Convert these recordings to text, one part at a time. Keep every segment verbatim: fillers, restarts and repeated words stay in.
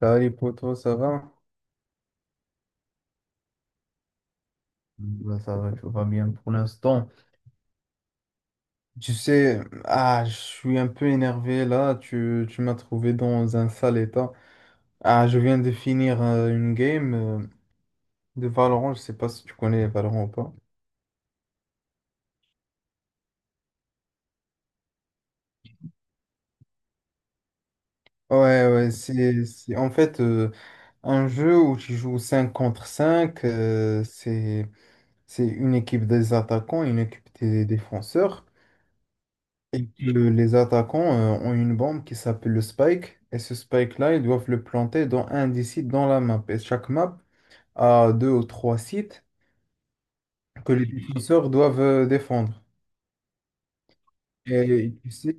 Salut les potos, ça va? Ouais, ça va, tout va bien pour l'instant. Tu sais, ah, je suis un peu énervé là, tu, tu m'as trouvé dans un sale état. Ah, je viens de finir euh, une game euh, de Valorant, je sais pas si tu connais Valorant ou pas. Ouais, ouais, c'est c'est- en fait euh, un jeu où tu joues cinq contre cinq euh, c'est c'est une équipe des attaquants, une équipe des défenseurs. Et que les attaquants euh, ont une bombe qui s'appelle le spike. Et ce spike-là, ils doivent le planter dans un des sites dans la map. Et chaque map a deux ou trois sites que les défenseurs doivent euh, défendre. Et tu sais,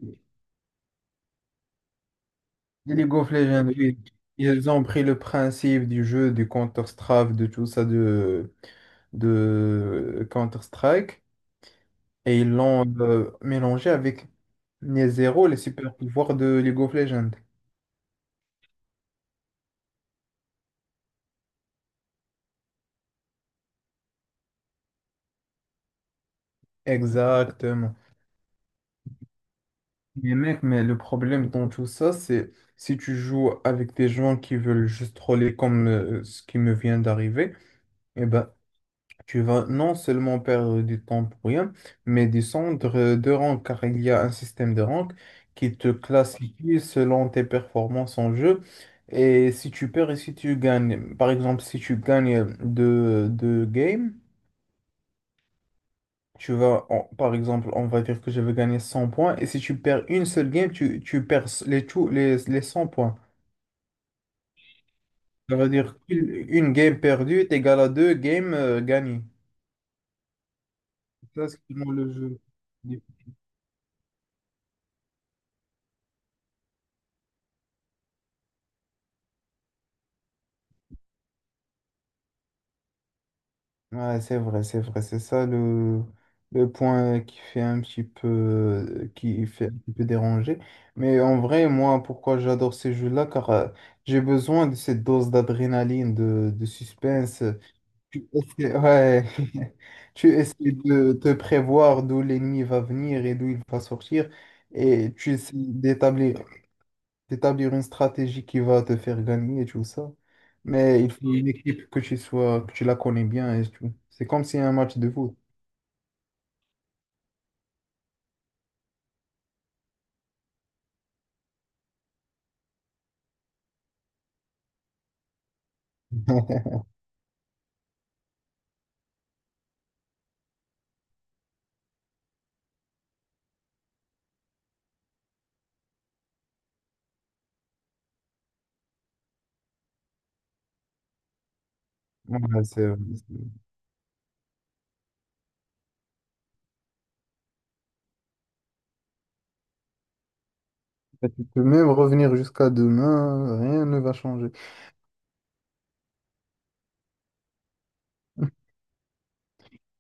les League of Legends, oui, ils ont pris le principe du jeu, du Counter-Strike, de tout ça, de, de Counter-Strike. Et ils l'ont euh, mélangé avec les zéros, les super pouvoirs de League of Legends. Exactement. Mais mec, mais le problème dans tout ça, c'est si tu joues avec des gens qui veulent juste troller comme euh, ce qui me vient d'arriver, eh ben, tu vas non seulement perdre du temps pour rien, mais descendre euh, de rang, car il y a un système de rank qui te classifie selon tes performances en jeu. Et si tu perds et si tu gagnes, par exemple, si tu gagnes deux, deux games, tu vas, en- par exemple, on va dire que je vais gagner cent points, et si tu perds une seule game, tu, tu perds les, tout- les, les cent points. Ça veut dire qu'une une game perdue est égale à deux games euh, gagnées. C'est ça ce qui rend le jeu difficile. Ouais, c'est vrai, c'est vrai. C'est ça le, le point qui fait un petit peu, qui fait un petit peu déranger. Mais en vrai, moi, pourquoi j'adore ces jeux-là? Car euh, j'ai besoin de cette dose d'adrénaline, de, de suspense. Tu essaies, ouais. Tu essaies de te prévoir d'où l'ennemi va venir et d'où il va sortir. Et tu essaies d'établir, d'établir une stratégie qui va te faire gagner et tout ça. Mais il faut une équipe que tu sois, que tu la connais bien et tout. C'est comme si un match de foot. Ouais, c'est- c'est- tu peux même revenir jusqu'à demain, rien ne va changer.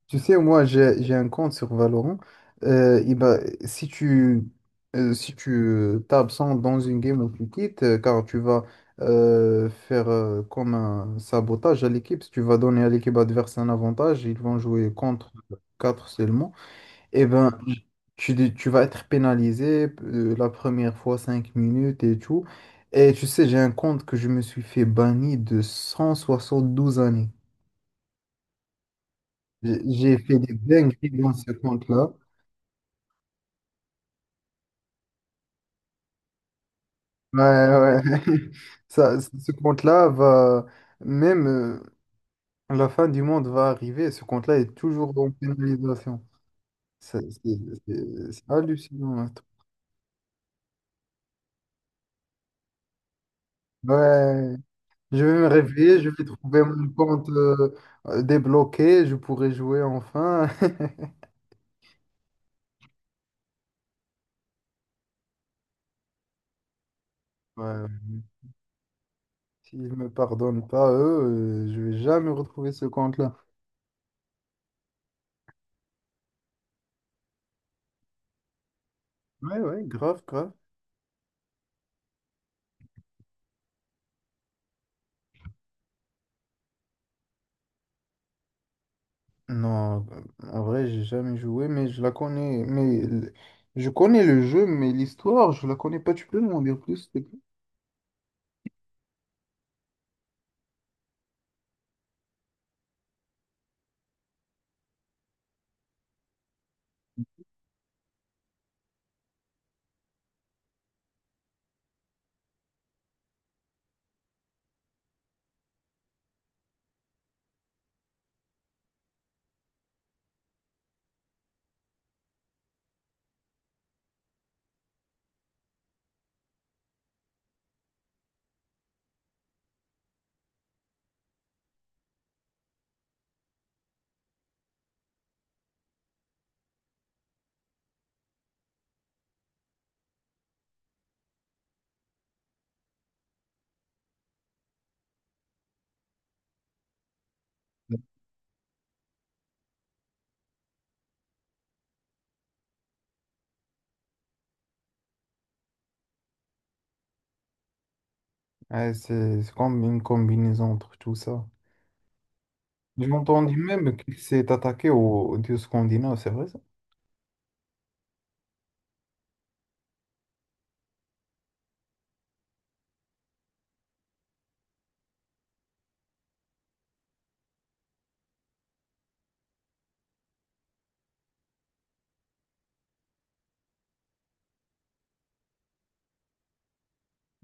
Tu sais, moi, j'ai, j'ai un compte sur Valorant. Euh, et ben, si tu euh, si tu euh, t'absentes dans une game ou tu quittes, euh, car tu vas euh, faire euh, comme un sabotage à l'équipe, si tu vas donner à l'équipe adverse un avantage, ils vont jouer contre quatre seulement, et ben, tu, dé- tu vas être pénalisé euh, la première fois cinq minutes et tout. Et tu sais, j'ai un compte que je me suis fait banni de cent soixante douze années. J'ai j'ai fait des dingueries dans ce compte-là. Ouais, ouais. Ça, ce ce compte-là va, même euh, la fin du monde va arriver, ce compte-là est toujours en pénalisation. Ça, C'est c'est- c'est hallucinant, hein. Ouais, je vais me réveiller, je vais trouver mon compte euh, euh, débloqué, je pourrai jouer enfin. Ouais, ouais. S'ils me pardonnent pas, eux, euh, je vais jamais retrouver ce compte-là. Ouais, ouais, grave, grave. Non, en vrai, j'ai jamais joué, mais je la connais. Mais l- je connais le jeu, mais l'histoire, je la connais pas. Tu peux m'en dire plus, s'il te plaît? Ouais, c'est c'est comme une combinaison entre tout ça. Je m'entendais même qu'il s'est attaqué au dieu scandinave, c'est vrai ça?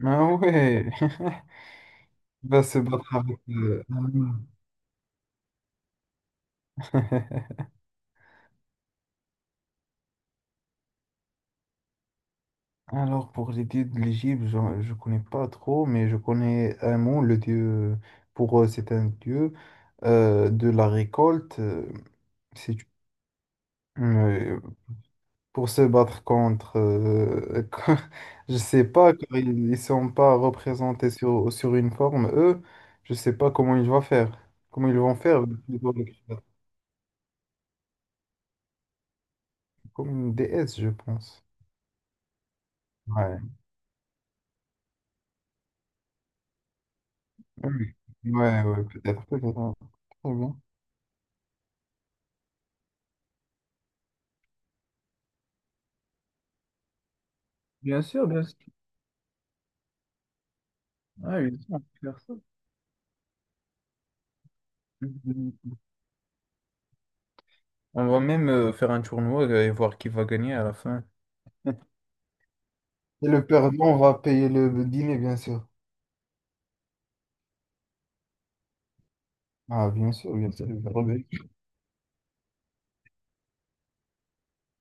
Ah ouais, il va se battre avec. euh, l'allemand. Alors, pour les dieux de l'Égypte, je, je ne connais pas trop, mais je connais un mot le dieu, pour eux, c'est un dieu euh, de la récolte. Euh, c'est, euh, pour se battre contre, euh, co- je sais pas, car ils, ils sont pas représentés sur, sur une forme, eux, je sais pas comment ils vont faire, comment ils vont faire, plutôt, le créateur, comme une déesse, je pense. Ouais, oui, ouais, ouais, peut-être, peut-être. Très bien. Bien sûr, bien sûr. Ah, ils savent faire ça. Mhm. On va même euh, faire un tournoi euh, et voir qui va gagner à la fin. Et le perdant va payer le dîner, bien sûr. Ah, bien sûr, bien sûr, bien sûr.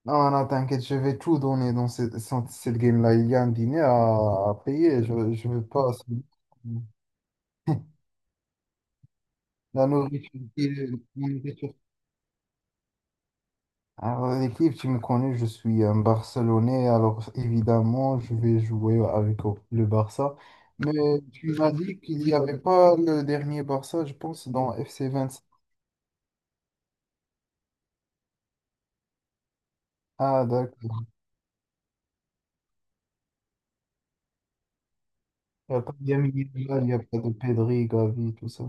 Non, non, t'inquiète, je vais tout donner dans cette, sans- cette game-là. Il y a un dîner à, à payer. Je ne veux pas. La nourriture, la nourriture. Alors, l'équipe, tu me connais, je suis un Barcelonais. Alors, évidemment, je vais jouer avec au- le Barça. Mais tu m'as dit qu'il n'y avait pas le dernier Barça, je pense, dans F C vingt-cinq. Ah, d'accord. Il n'y a pas de Lamine Yamal, il n'y a pas de Pedri, Gavi, tout ça.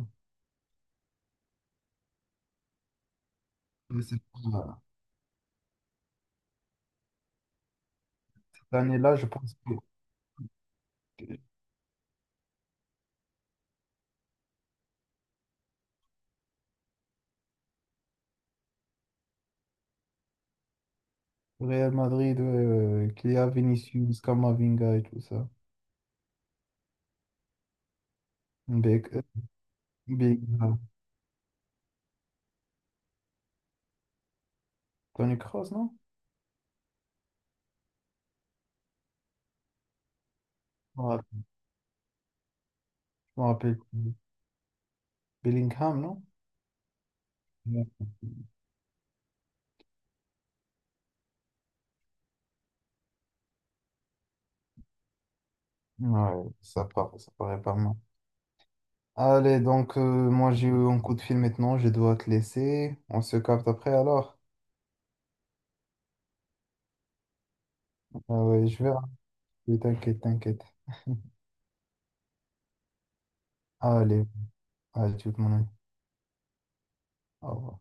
Mais c'est pas- Cette année-là, je pense que que Real Madrid, euh, qu'il y a Vinicius, Camavinga et tout ça. Beck, euh, Bellingham. Toni Kroos, non? Je me rappelle je me rappelle plus. Bellingham, non? Ouais, Ouais, ça part, ça paraît pas mal. Allez, donc euh, moi j'ai eu un coup de fil maintenant, je dois te laisser. On se capte après alors. Ah ouais, je vais rappeler, t'inquiète, t'inquiète. Allez, allez, tu mon ami. Au revoir.